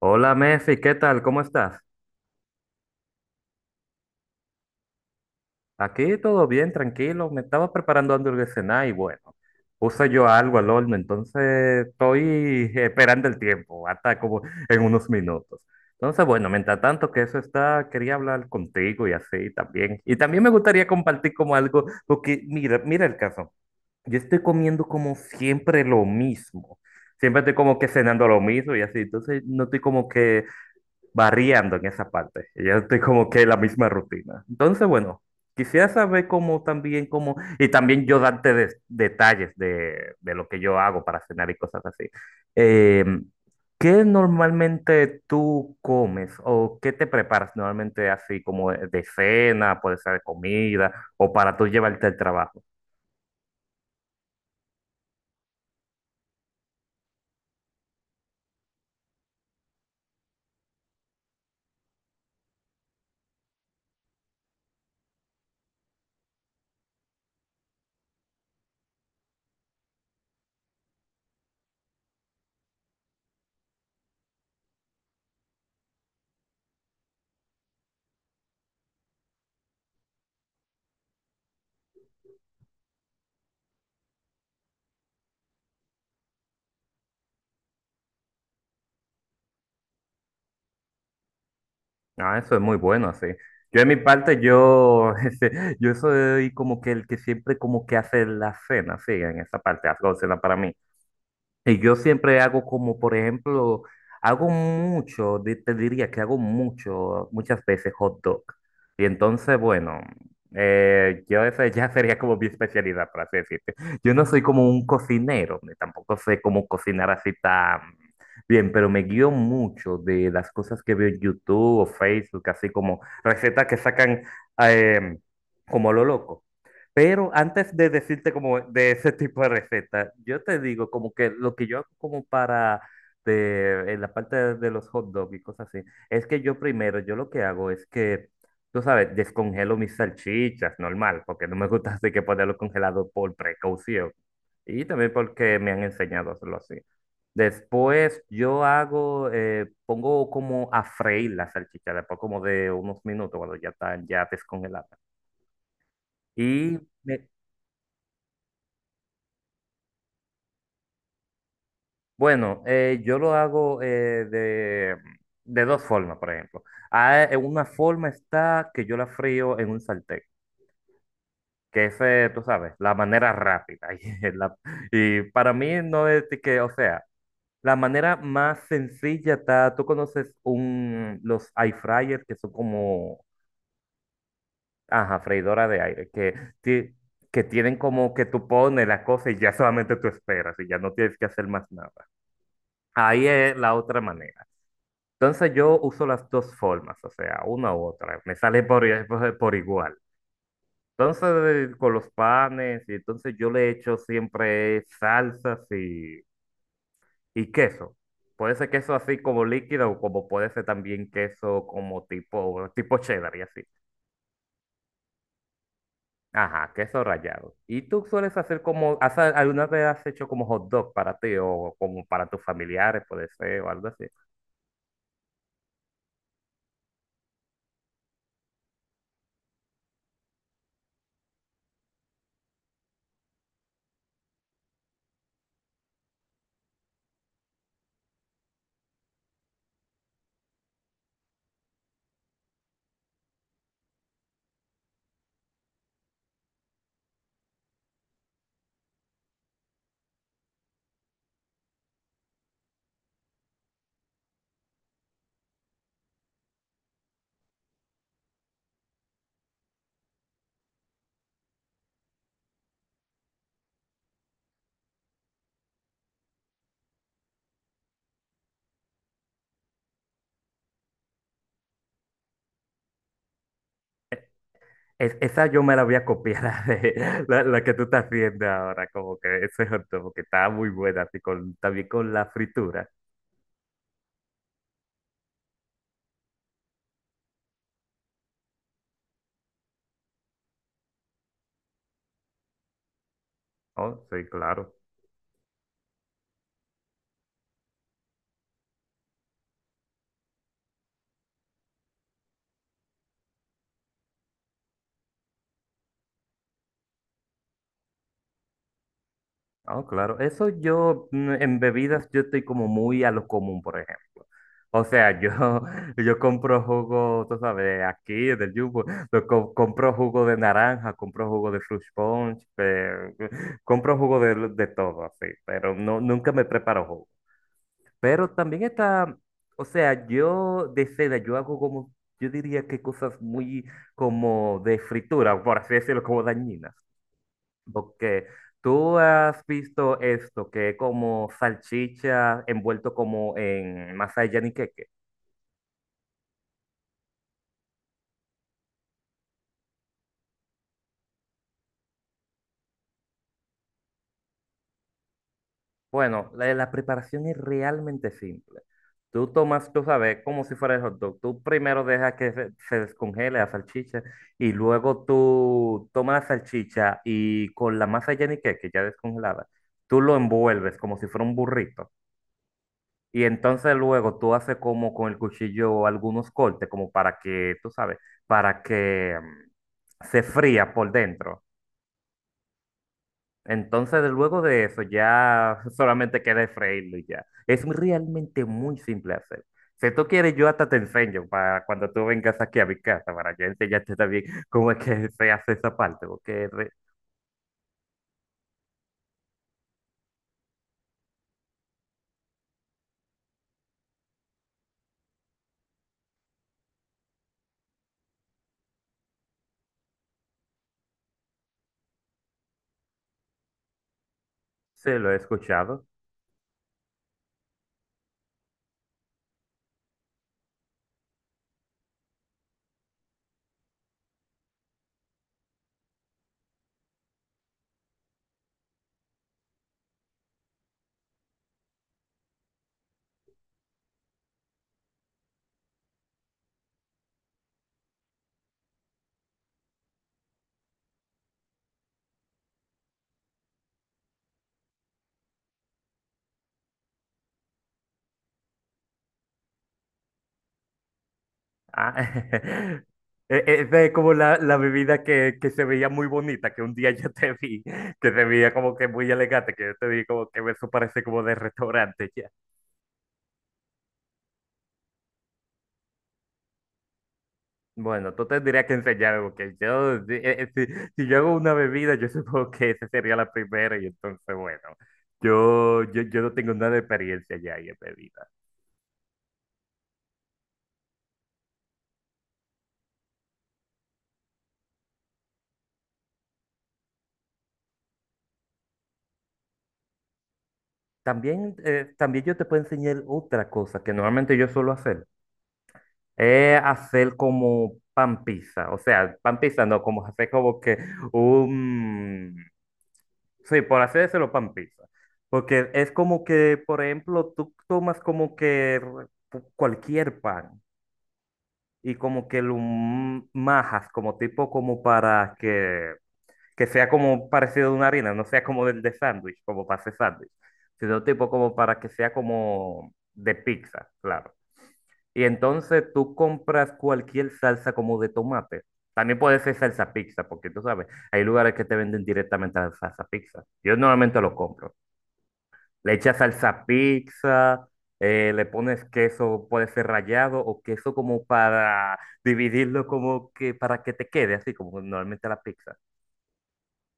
Hola Mefi, ¿qué tal? ¿Cómo estás? Aquí todo bien, tranquilo. Me estaba preparando antes de cenar y bueno, puse yo algo al horno, entonces estoy esperando el tiempo, hasta como en unos minutos. Entonces, bueno, mientras tanto que eso está, quería hablar contigo y así también. Y también me gustaría compartir como algo, porque mira el caso. Yo estoy comiendo como siempre lo mismo. Siempre estoy como que cenando lo mismo y así. Entonces, no estoy como que variando en esa parte. Y yo estoy como que en la misma rutina. Entonces, bueno, quisiera saber cómo también, cómo, y también yo darte detalles de lo que yo hago para cenar y cosas así. Eh, ¿Qué normalmente tú comes o qué te preparas normalmente así como de cena, puede ser de comida o para tú llevarte al trabajo? Ah, eso es muy bueno, sí. Yo en mi parte, yo, yo soy como que el que siempre como que hace la cena, sí, en esa parte, hago cena para mí. Y yo siempre hago como, por ejemplo, hago mucho, te diría que hago mucho, muchas veces hot dog. Y entonces, bueno, yo esa ya sería como mi especialidad, para así decirte. Yo no soy como un cocinero, ni tampoco sé cómo cocinar así tan bien, pero me guío mucho de las cosas que veo en YouTube o Facebook, así como recetas que sacan eh, como a lo loco. Pero antes de decirte como de ese tipo de receta, yo te digo como que lo que yo hago como para de, en la parte de los hot dogs y cosas así, es que yo primero, yo lo que hago es que, tú sabes, descongelo mis salchichas, normal, porque no me gusta así que ponerlo congelado por precaución y también porque me han enseñado a hacerlo así. Después yo hago, pongo como a freír la salchicha, después como de unos minutos cuando ya están ya descongeladas. Y me- Bueno, yo lo hago de dos formas, por ejemplo. Una forma está que yo la frío en un sartén, que es, tú sabes, la manera rápida. Y para mí no es de que, o sea, la manera más sencilla está, tú conoces un, los air fryers que son como, ajá, freidora de aire, que, ti- que tienen como que tú pones la cosa y ya solamente tú esperas y ya no tienes que hacer más nada. Ahí es la otra manera. Entonces yo uso las dos formas, o sea, una u otra, me sale por igual. Entonces con los panes, y entonces yo le echo siempre salsas y queso. Puede ser queso así como líquido o como puede ser también queso como tipo cheddar y así. Ajá, queso rallado. ¿Y tú sueles hacer como, alguna vez has hecho como hot dog para ti o como para tus familiares, puede ser, o algo así? Esa yo me la voy a copiar, la que tú estás haciendo ahora, como que ese hot dog, que está muy buena, así con, también con la fritura. Oh, sí, claro. Oh, claro. Eso yo, en bebidas, yo estoy como muy a lo común, por ejemplo. O sea, yo, yo compro jugo, tú sabes, aquí en el Jumbo, compro jugo de naranja, compro jugo de fruit punch, compro jugo de todo, así, pero no, nunca me preparo jugo. Pero también está, o sea, yo de cena, yo hago como, yo diría que cosas muy como de fritura, por así decirlo, como dañinas. Porque tú has visto esto, que es como salchicha envuelto como en masa de yaniqueque. Bueno, la preparación es realmente simple. Tú tomas, tú sabes, como si fuera el hot dog. Tú primero dejas que se descongele la salchicha y luego tú tomas la salchicha y con la masa yenique, que ya descongelada, tú lo envuelves como si fuera un burrito. Y entonces luego tú haces como con el cuchillo algunos cortes, como para que, tú sabes, para que se fría por dentro. Entonces, luego de eso, ya solamente queda freírlo y ya. Realmente muy simple hacer. Si tú quieres, yo hasta te enseño para cuando tú vengas aquí a mi casa, para yo enseñarte también cómo es que se hace esa parte, porque se lo he escuchado. Ah, Es de como la bebida que se veía muy bonita, que un día yo te vi, que se veía como que muy elegante, que yo te vi como que eso parece como de restaurante ya. Bueno, tú tendrías que enseñar algo que yo, si, si yo hago una bebida, yo supongo que esa sería la primera y entonces, bueno, yo no tengo nada de experiencia ya ahí en bebida. También, también yo te puedo enseñar otra cosa que normalmente yo suelo hacer, es hacer como pan pizza, o sea, pan pizza no, como hacer como que un, sí, por hacérselo pan pizza, porque es como que, por ejemplo, tú tomas como que cualquier pan. Y como que lo majas, como tipo como para que sea como parecido a una harina, no sea como del de sándwich, como para hacer sándwich, sino tipo como para que sea como de pizza, claro. Y entonces tú compras cualquier salsa como de tomate. También puede ser salsa pizza, porque tú sabes, hay lugares que te venden directamente la salsa pizza. Yo normalmente lo compro. Le echas salsa pizza, le pones queso, puede ser rallado o queso como para dividirlo como que para que te quede así como normalmente la pizza.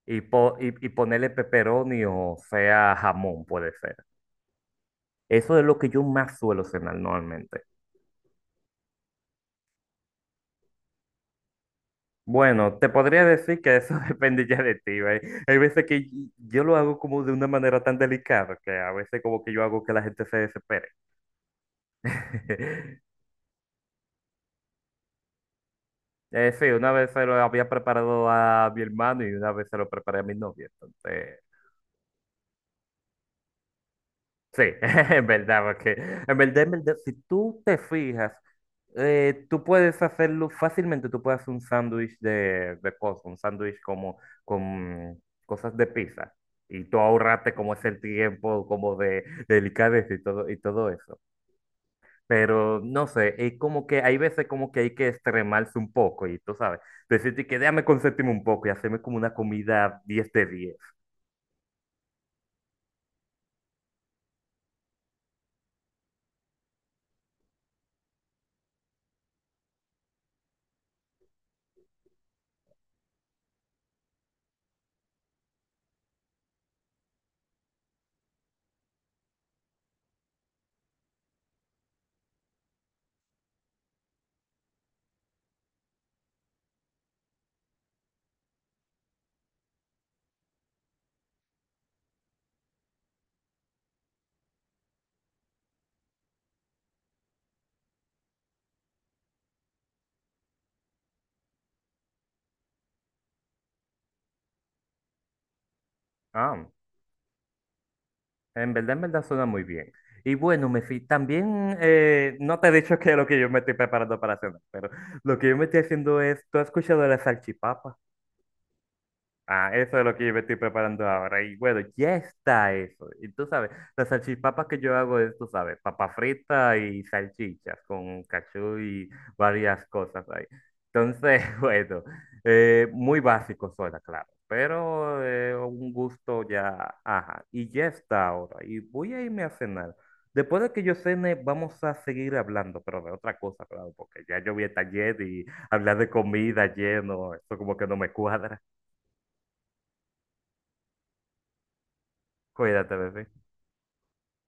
Y y ponerle pepperoni o sea jamón puede ser. Eso es lo que yo más suelo cenar normalmente. Bueno, te podría decir que eso depende ya de ti, ¿ve? Hay veces que yo lo hago como de una manera tan delicada que a veces como que yo hago que la gente se desespere. Sí, una vez se lo había preparado a mi hermano y una vez se lo preparé a mi novia. Entonces, sí, en verdad, porque en verdad, si tú te fijas, tú puedes hacerlo fácilmente, tú puedes hacer un sándwich de cosas, un sándwich como con cosas de pizza. Y tú ahorraste como es el tiempo, como de delicadeza y todo eso. Pero no sé, es como que hay veces como que hay que extremarse un poco y tú sabes, decirte que déjame consentirme un poco y hacerme como una comida 10 de diez. Ah, en verdad suena muy bien. Y bueno, me fui, también no te he dicho qué es lo que yo me estoy preparando para cenar, pero lo que yo me estoy haciendo es, ¿tú has escuchado de la salchipapa? Ah, eso es lo que yo me estoy preparando ahora. Y bueno, ya está eso. Y tú sabes, las salchipapas que yo hago es, tú sabes, papa frita y salchichas con cachú y varias cosas ahí. Entonces, bueno, muy básico suena, claro, pero un gusto ya, ajá. Y ya está ahora. Y voy a irme a cenar. Después de que yo cene, vamos a seguir hablando, pero de otra cosa, claro, porque ya yo vi el taller y hablar de comida lleno, eso como que no me cuadra. Cuídate, bebé.